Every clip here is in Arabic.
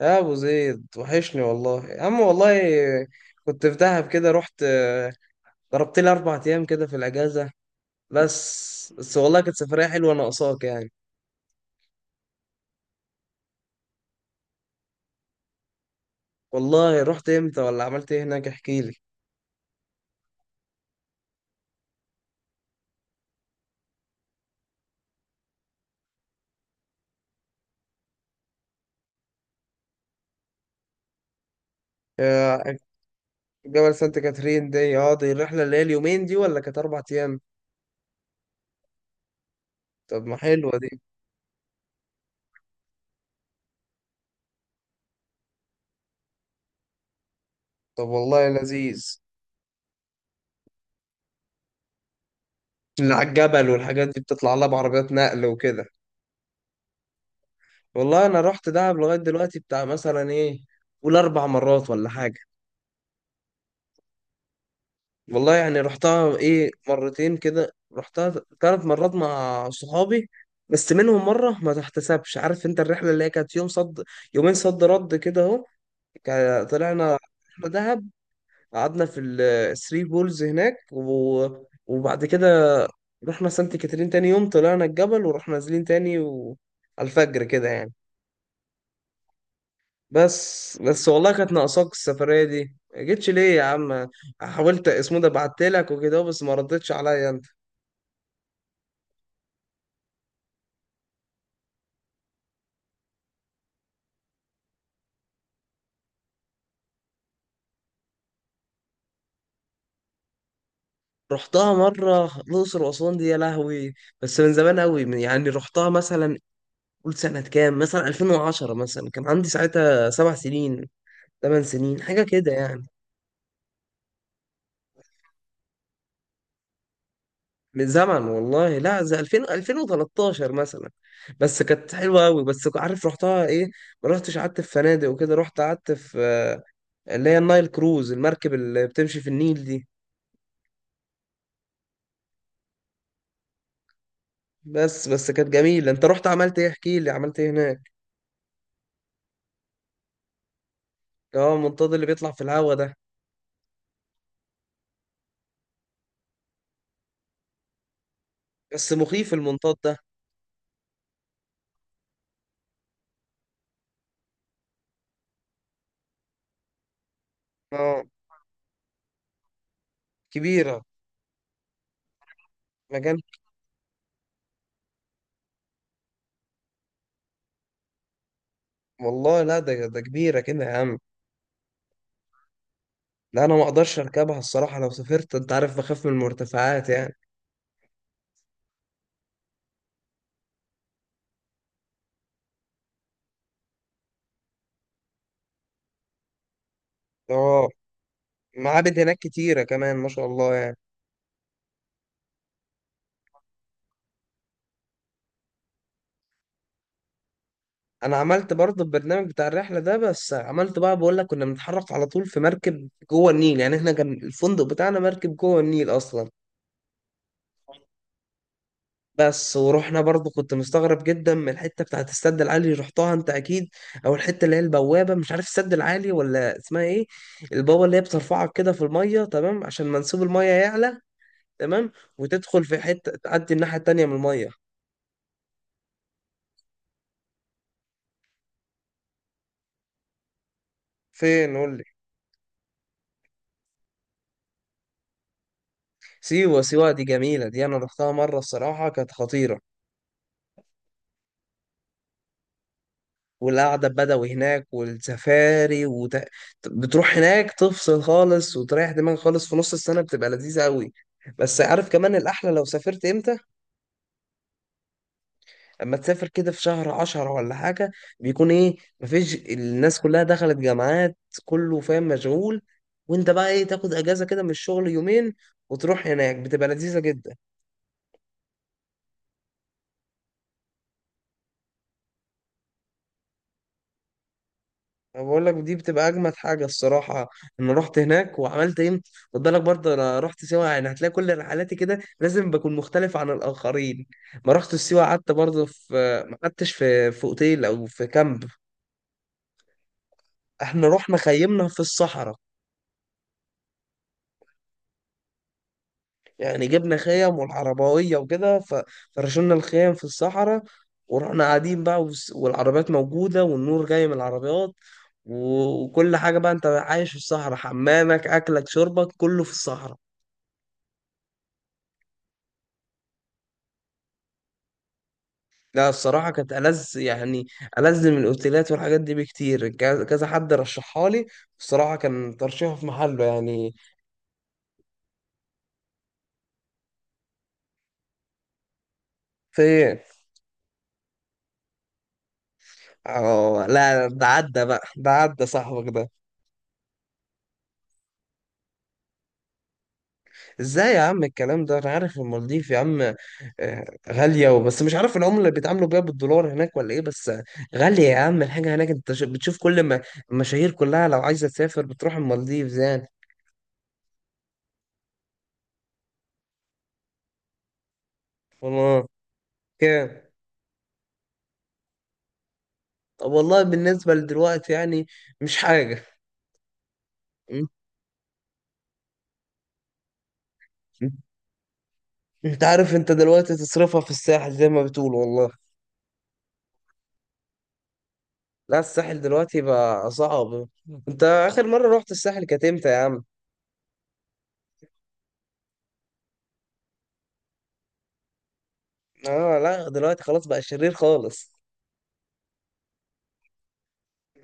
يا ابو زيد، وحشني والله يا عم. والله كنت في دهب كده رحت، ضربت لي 4 ايام كده في الاجازه. بس والله كانت سفريه حلوه ناقصاك يعني. والله رحت امتى ولا عملت ايه هناك؟ احكي لي. آه، جبل سانت كاترين دي، دي الرحله اللي هي اليومين دي ولا كانت 4 ايام؟ طب ما حلوه دي. طب والله لذيذ. اللي على الجبل والحاجات دي بتطلع لها بعربيات نقل وكده. والله انا رحت دهب لغايه دلوقتي بتاع مثلا ايه؟ قول 4 مرات ولا حاجه. والله يعني رحتها ايه، مرتين كده، رحتها 3 مرات مع صحابي. بس منهم مرة ما تحتسبش، عارف انت الرحلة اللي هي كانت يوم صد، يومين صد رد كده اهو. طلعنا رحلة دهب. قعدنا في الثري بولز هناك، وبعد كده رحنا سانت كاترين، تاني يوم طلعنا الجبل ورحنا نازلين تاني على الفجر كده يعني. بس والله كانت ناقصاك السفرية دي، ما جيتش ليه يا عم؟ حاولت اسمه ده بعتلك وكده بس ما ردتش عليا. رحتها مرة الأقصر وأسوان دي، يا لهوي. بس من زمان أوي، يعني رحتها مثلا، قول سنة كام، مثلا 2010، مثلا كان عندي ساعتها 7 سنين، 8 سنين حاجة كده يعني. من زمن والله، لا زي 2000، 2013 مثلا. بس كانت حلوة أوي، بس عارف رحتها إيه؟ ما رحتش قعدت في فنادق وكده، رحت قعدت في اللي هي النايل كروز، المركب اللي بتمشي في النيل دي. بس كانت جميلة. أنت رحت عملت إيه؟ احكي لي عملت إيه هناك؟ أه، المنطاد اللي بيطلع في الهوا ده. بس مخيف المنطاد ده. اه، كبيرة. مكان. والله، لا ده كبيرة كده يا عم. لا، أنا ما أقدرش أركبها الصراحة، لو سافرت، أنت عارف بخاف من المرتفعات يعني. اه، معابد هناك كتيرة كمان ما شاء الله يعني. أنا عملت برضه البرنامج بتاع الرحلة ده، بس عملت بقى، بقول لك كنا بنتحرك على طول في مركب جوه النيل، يعني إحنا كان الفندق بتاعنا مركب جوه النيل أصلا. بس ورحنا برضو، كنت مستغرب جدا من الحته بتاعت السد العالي، رحتها انت اكيد. او الحته اللي هي البوابه، مش عارف السد العالي ولا اسمها ايه. البوابه اللي هي بترفعك كده في الميه، تمام، عشان منسوب الميه يعلى. تمام. وتدخل في حته تعدي الناحيه التانيه من الميه. فين؟ قول لي. سيوه، سيوه دي جميله، دي انا رحتها مره الصراحه كانت خطيره. والقعده البدوي هناك والسفاري بتروح هناك تفصل خالص وتريح دماغك خالص، في نص السنه بتبقى لذيذه قوي. بس عارف كمان الاحلى لو سافرت امتى؟ اما تسافر كده في شهر عشرة ولا حاجة. بيكون ايه، مفيش، الناس كلها دخلت جامعات. كله فاهم مشغول. وانت بقى ايه، تاخد اجازة كده من الشغل يومين. وتروح هناك، بتبقى لذيذة جدا. انا بقول لك دي بتبقى اجمد حاجة الصراحة ان رحت هناك وعملت ايه. خد بالك برضه، انا رحت سيوة يعني، هتلاقي كل رحلاتي كده لازم بكون مختلف عن الاخرين. ما رحت سيوة قعدت برضه في، ما قعدتش في اوتيل او في كامب. احنا رحنا خيمنا في الصحراء. يعني جبنا خيم والعربوية وكده، فرشنا الخيم في الصحراء. ورحنا قاعدين بقى، والعربيات موجودة والنور جاي من العربيات. وكل حاجة بقى، انت عايش في الصحراء، حمامك أكلك شربك كله في الصحراء. لا، الصراحة كانت ألذ يعني. ألذ من الأوتيلات والحاجات دي بكتير، كذا كذا حد رشحها لي. بصراحة كان ترشيحه في محله يعني. في إيه؟ اه لا، ده عدى بقى، ده عدى صاحبك ده. ازاي يا عم الكلام ده؟ انا عارف المالديف يا عم. غالية وبس، مش عارف العملة اللي بيتعاملوا بيها بالدولار هناك ولا ايه، بس غالية يا عم الحاجة هناك، انت بتشوف كل ما المشاهير كلها لو عايزة تسافر بتروح المالديف يعني. والله، كام؟ طب والله بالنسبة لدلوقتي يعني مش حاجة. م- م- انت عارف، انت دلوقتي تصرفها في الساحل زي ما بتقول والله. لا، الساحل دلوقتي بقى صعب. انت اخر مرة رحت الساحل كانت امتى يا عم؟ اه لا، دلوقتي خلاص بقى شرير خالص.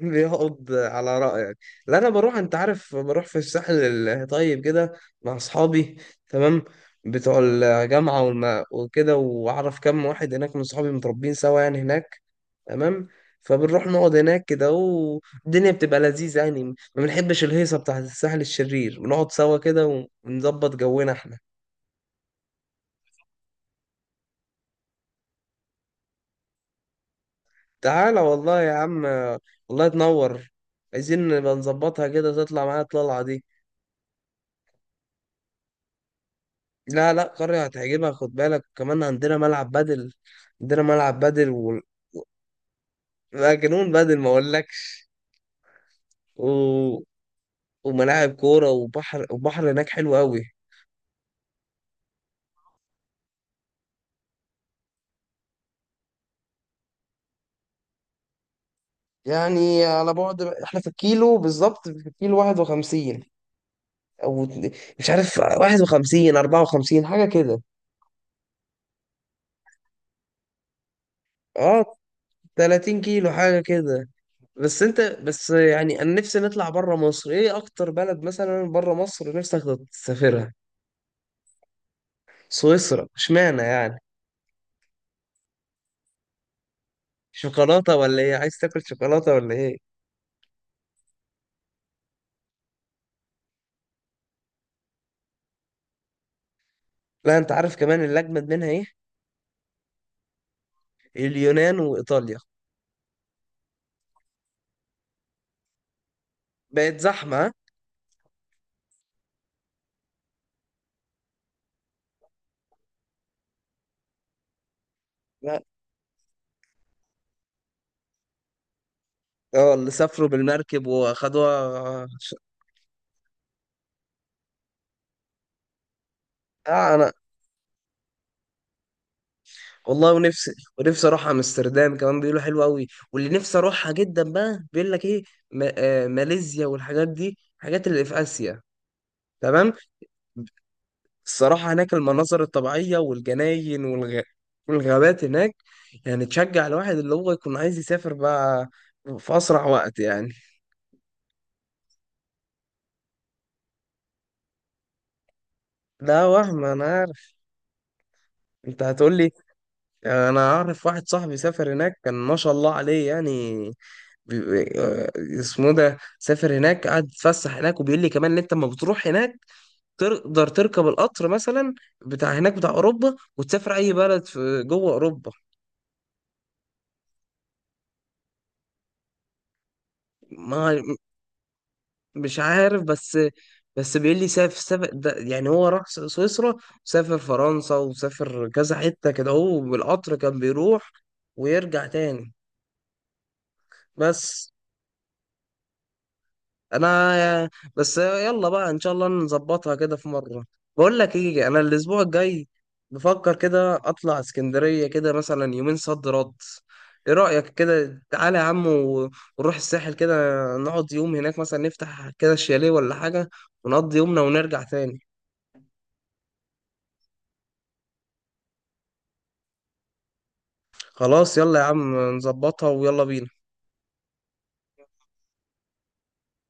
بيقعد على رأيك. لا، انا بروح، انت عارف، بروح في الساحل الطيب كده مع اصحابي. تمام. بتوع الجامعة والما وكده، واعرف كم واحد هناك من صحابي متربين سوا يعني هناك. تمام. فبنروح نقعد هناك كده والدنيا بتبقى لذيذة يعني، ما بنحبش الهيصة بتاعة الساحل الشرير، بنقعد سوا كده ونظبط جونا احنا. تعالى والله يا عم. والله تنور. عايزين نبقى نظبطها كده، تطلع معايا الطلعة دي. لا لا، قرية هتعجبها، خد بالك، وكمان عندنا ملعب بدل. عندنا ملعب بدل لا، جنون بدل ما اقولكش. و... وملاعب كورة وبحر، وبحر هناك حلو قوي. يعني على بعد، احنا في الكيلو بالظبط، في الكيلو 51 او اتن- مش عارف 51، 54 حاجة كده. اه، 30 كيلو حاجة كده. بس انت بس يعني، انا نفسي نطلع بره مصر، ايه اكتر بلد مثلا بره مصر نفسك تسافرها؟ سويسرا، اشمعنى يعني؟ شوكولاته ولا ايه؟ عايز تاكل شوكولاته ولا ايه؟ لا، انت عارف كمان اللي اجمد منها ايه؟ اليونان وايطاليا. بقت زحمه، ها؟ لا. اه، اللي سافروا بالمركب واخدوها اه، انا. والله، ونفسي، اروح امستردام كمان بيقولوا حلوه قوي. واللي نفسي اروحها جدا بقى، بيقول لك ايه، ما... آه ماليزيا والحاجات دي الحاجات اللي في اسيا. تمام. الصراحة هناك المناظر الطبيعية والجناين والغابات هناك. يعني تشجع الواحد اللي هو يكون عايز يسافر بقى في أسرع وقت يعني. لا، وهم، أنا عارف أنت هتقول لي. أنا أعرف واحد صاحبي سافر هناك، كان ما شاء الله عليه يعني. بي... بي- آه، اسمه ده سافر هناك، قعد يتفسح هناك، وبيقول لي كمان إن أنت لما بتروح هناك تقدر تركب القطر مثلا بتاع هناك بتاع أوروبا، وتسافر أي بلد في جوه أوروبا. ما، مش عارف، بس بس بيقول لي سافر سافر ده يعني، هو راح سويسرا وسافر فرنسا وسافر كذا حتة كده، هو بالقطر كان بيروح ويرجع تاني. بس انا، بس يلا بقى ان شاء الله نظبطها كده في مرة. بقول لك ايه، انا الاسبوع الجاي بفكر كده اطلع اسكندرية كده، مثلا يومين صد رد. ايه رأيك كده؟ تعالى يا عم، ونروح الساحل كده، نقعد يوم هناك مثلا، نفتح كده الشاليه ولا حاجة، ونقضي يومنا ونرجع تاني. خلاص يلا يا عم نظبطها ويلا بينا.